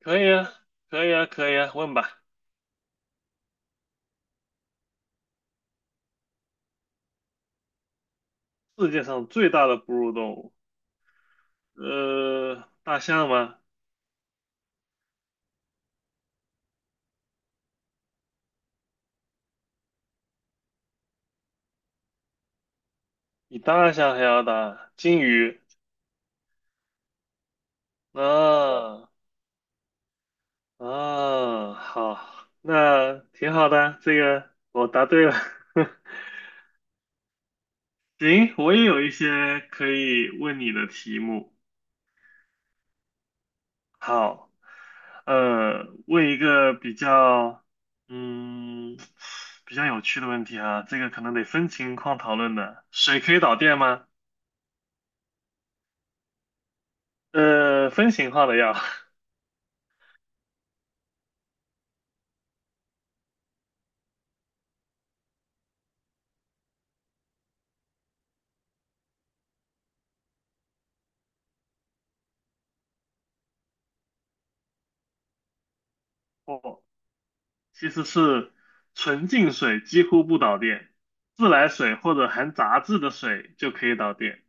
可以啊，可以啊，问吧。世界上最大的哺乳动物，大象吗？比大象还要大，鲸鱼。啊好，那挺好的，这个我答对了。行，我也有一些可以问你的题目。好，呃，问一个比较，嗯，比较有趣的问题啊，这个可能得分情况讨论的。水可以导电吗？分型号的药。哦，其实是纯净水几乎不导电，自来水或者含杂质的水就可以导电。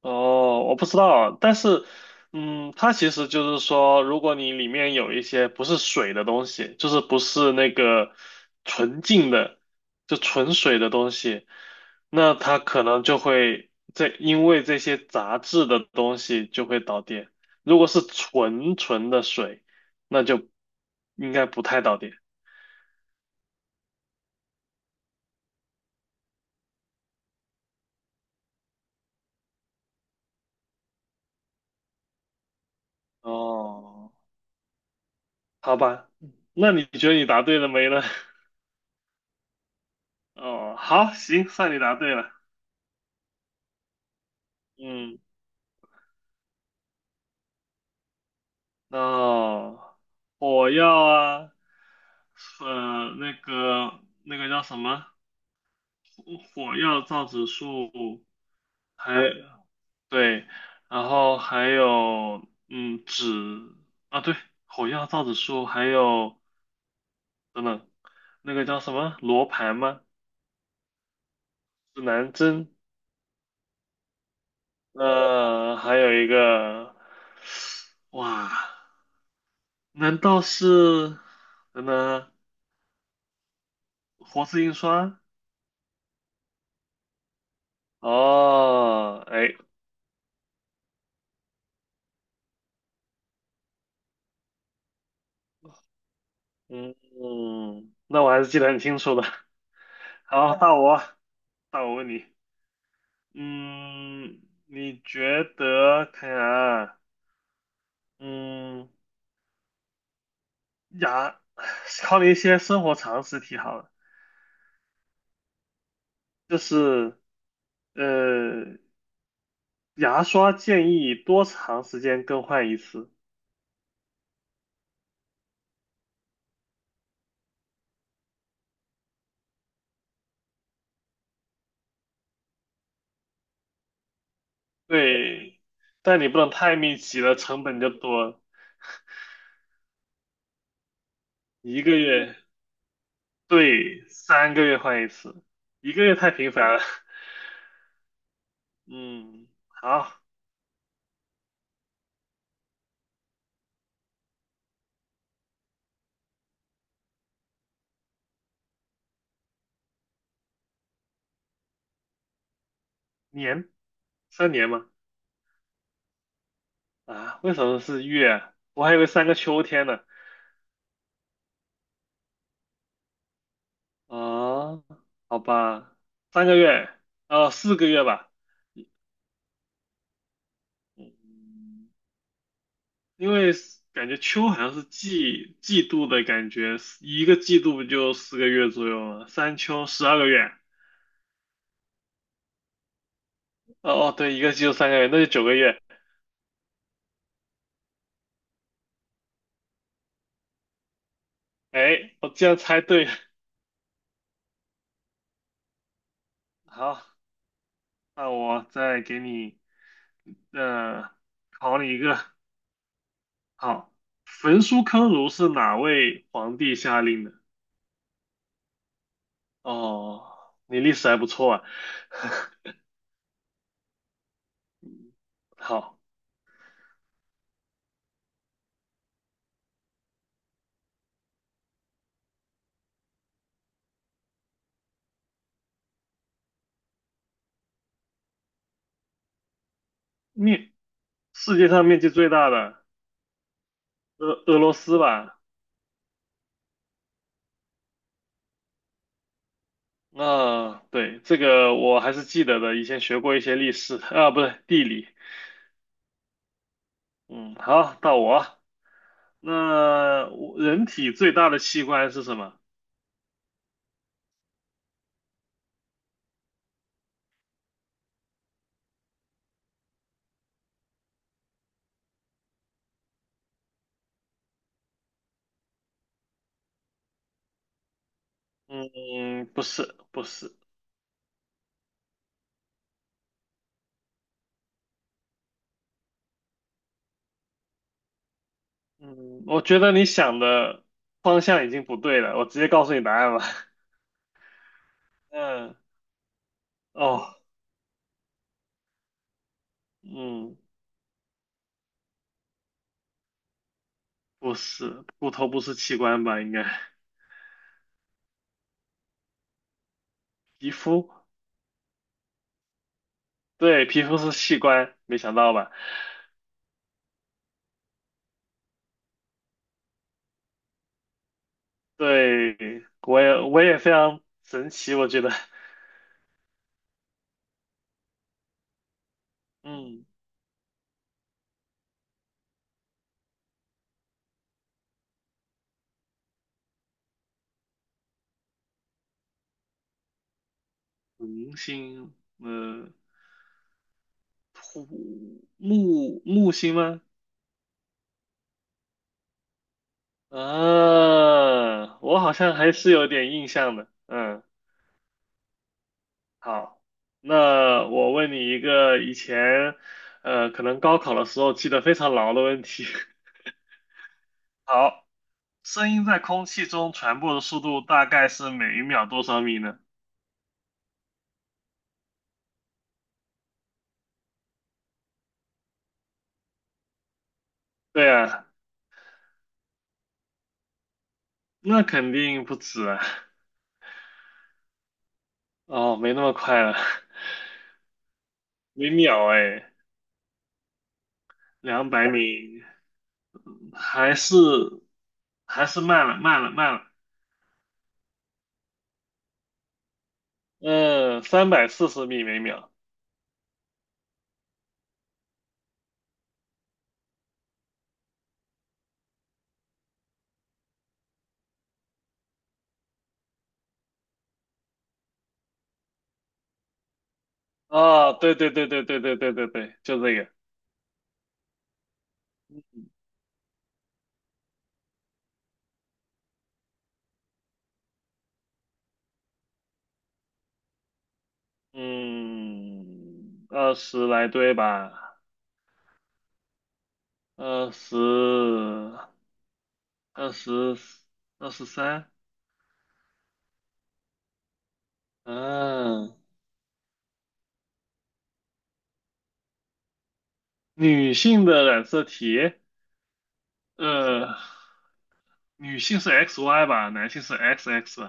哦，我不知道，但是，嗯，它其实就是说，如果你里面有一些不是水的东西，就是不是那个纯净的，就纯水的东西，那它可能就会因为这些杂质的东西就会导电。如果是纯纯的水，那就应该不太导电。哦，好吧，那你觉得你答对了没呢？哦，好，行，算你答对了。嗯。那火药啊，那个叫什么？火药、造纸术，还对，然后还有嗯纸啊，对，火药、造纸术，还有等等，那个叫什么罗盘吗？指南针，还有一个，哇，难道是等等啊活字印刷？哦，哎，嗯，嗯那我还是记得很清楚的。好，到我问你，嗯，你觉得看看啊，嗯，牙，考你一些生活常识题好了，就是呃，牙刷建议多长时间更换一次？对，但你不能太密集了，成本就多了。一个月，对，三个月换一次，一个月太频繁了。嗯，好。年。3年吗？啊，为什么是月啊？我还以为三个秋天呢。啊，好吧，三个月，哦，四个月吧。嗯，因为是感觉秋好像是季度的感觉，一个季度不就四个月左右吗？三秋12个月。哦哦，对，一个季度三个月，那就9个月。哎，我竟然猜对了。好，那我再给你，呃，考你一个。好，焚书坑儒是哪位皇帝下令的？哦，你历史还不错啊。好，面，世界上面积最大的俄罗斯吧？那、对，这个我还是记得的，以前学过一些历史啊，不对，地理。嗯，好，到我。那我人体最大的器官是什么？嗯，不是，不是。嗯，我觉得你想的方向已经不对了，我直接告诉你答案吧。嗯，哦，嗯，不是，骨头不是器官吧？应该。皮肤，对，皮肤是器官，没想到吧？对，我也非常神奇，我觉得，嗯，恒星，嗯土木木星吗？啊，我好像还是有点印象的，嗯，好，那我问你一个以前，可能高考的时候记得非常牢的问题，好，声音在空气中传播的速度大概是每一秒多少米呢？对啊。那肯定不止啊！哦，没那么快了，每秒哎，200米，还是慢了。嗯，340米每秒。哦，对对对对对对对对对，就这个。嗯，二十来对吧，二十，二十，23。嗯，女性的染色体，呃，女性是 XY 吧，男性是 XX。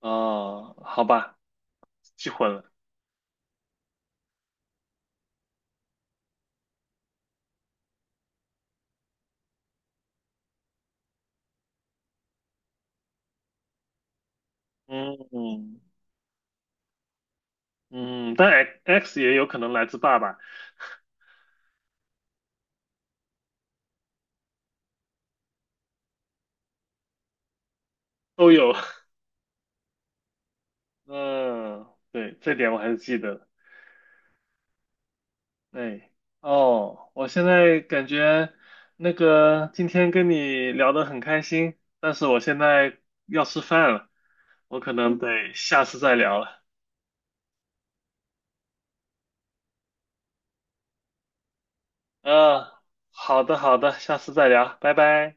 哦，好吧，记混了。嗯,嗯，但 XX 也有可能来自爸爸，都有。嗯，对，这点我还是记得的。哎，哦，我现在感觉那个今天跟你聊得很开心，但是我现在要吃饭了，我可能得下次再聊了。嗯，好的好的，下次再聊，拜拜。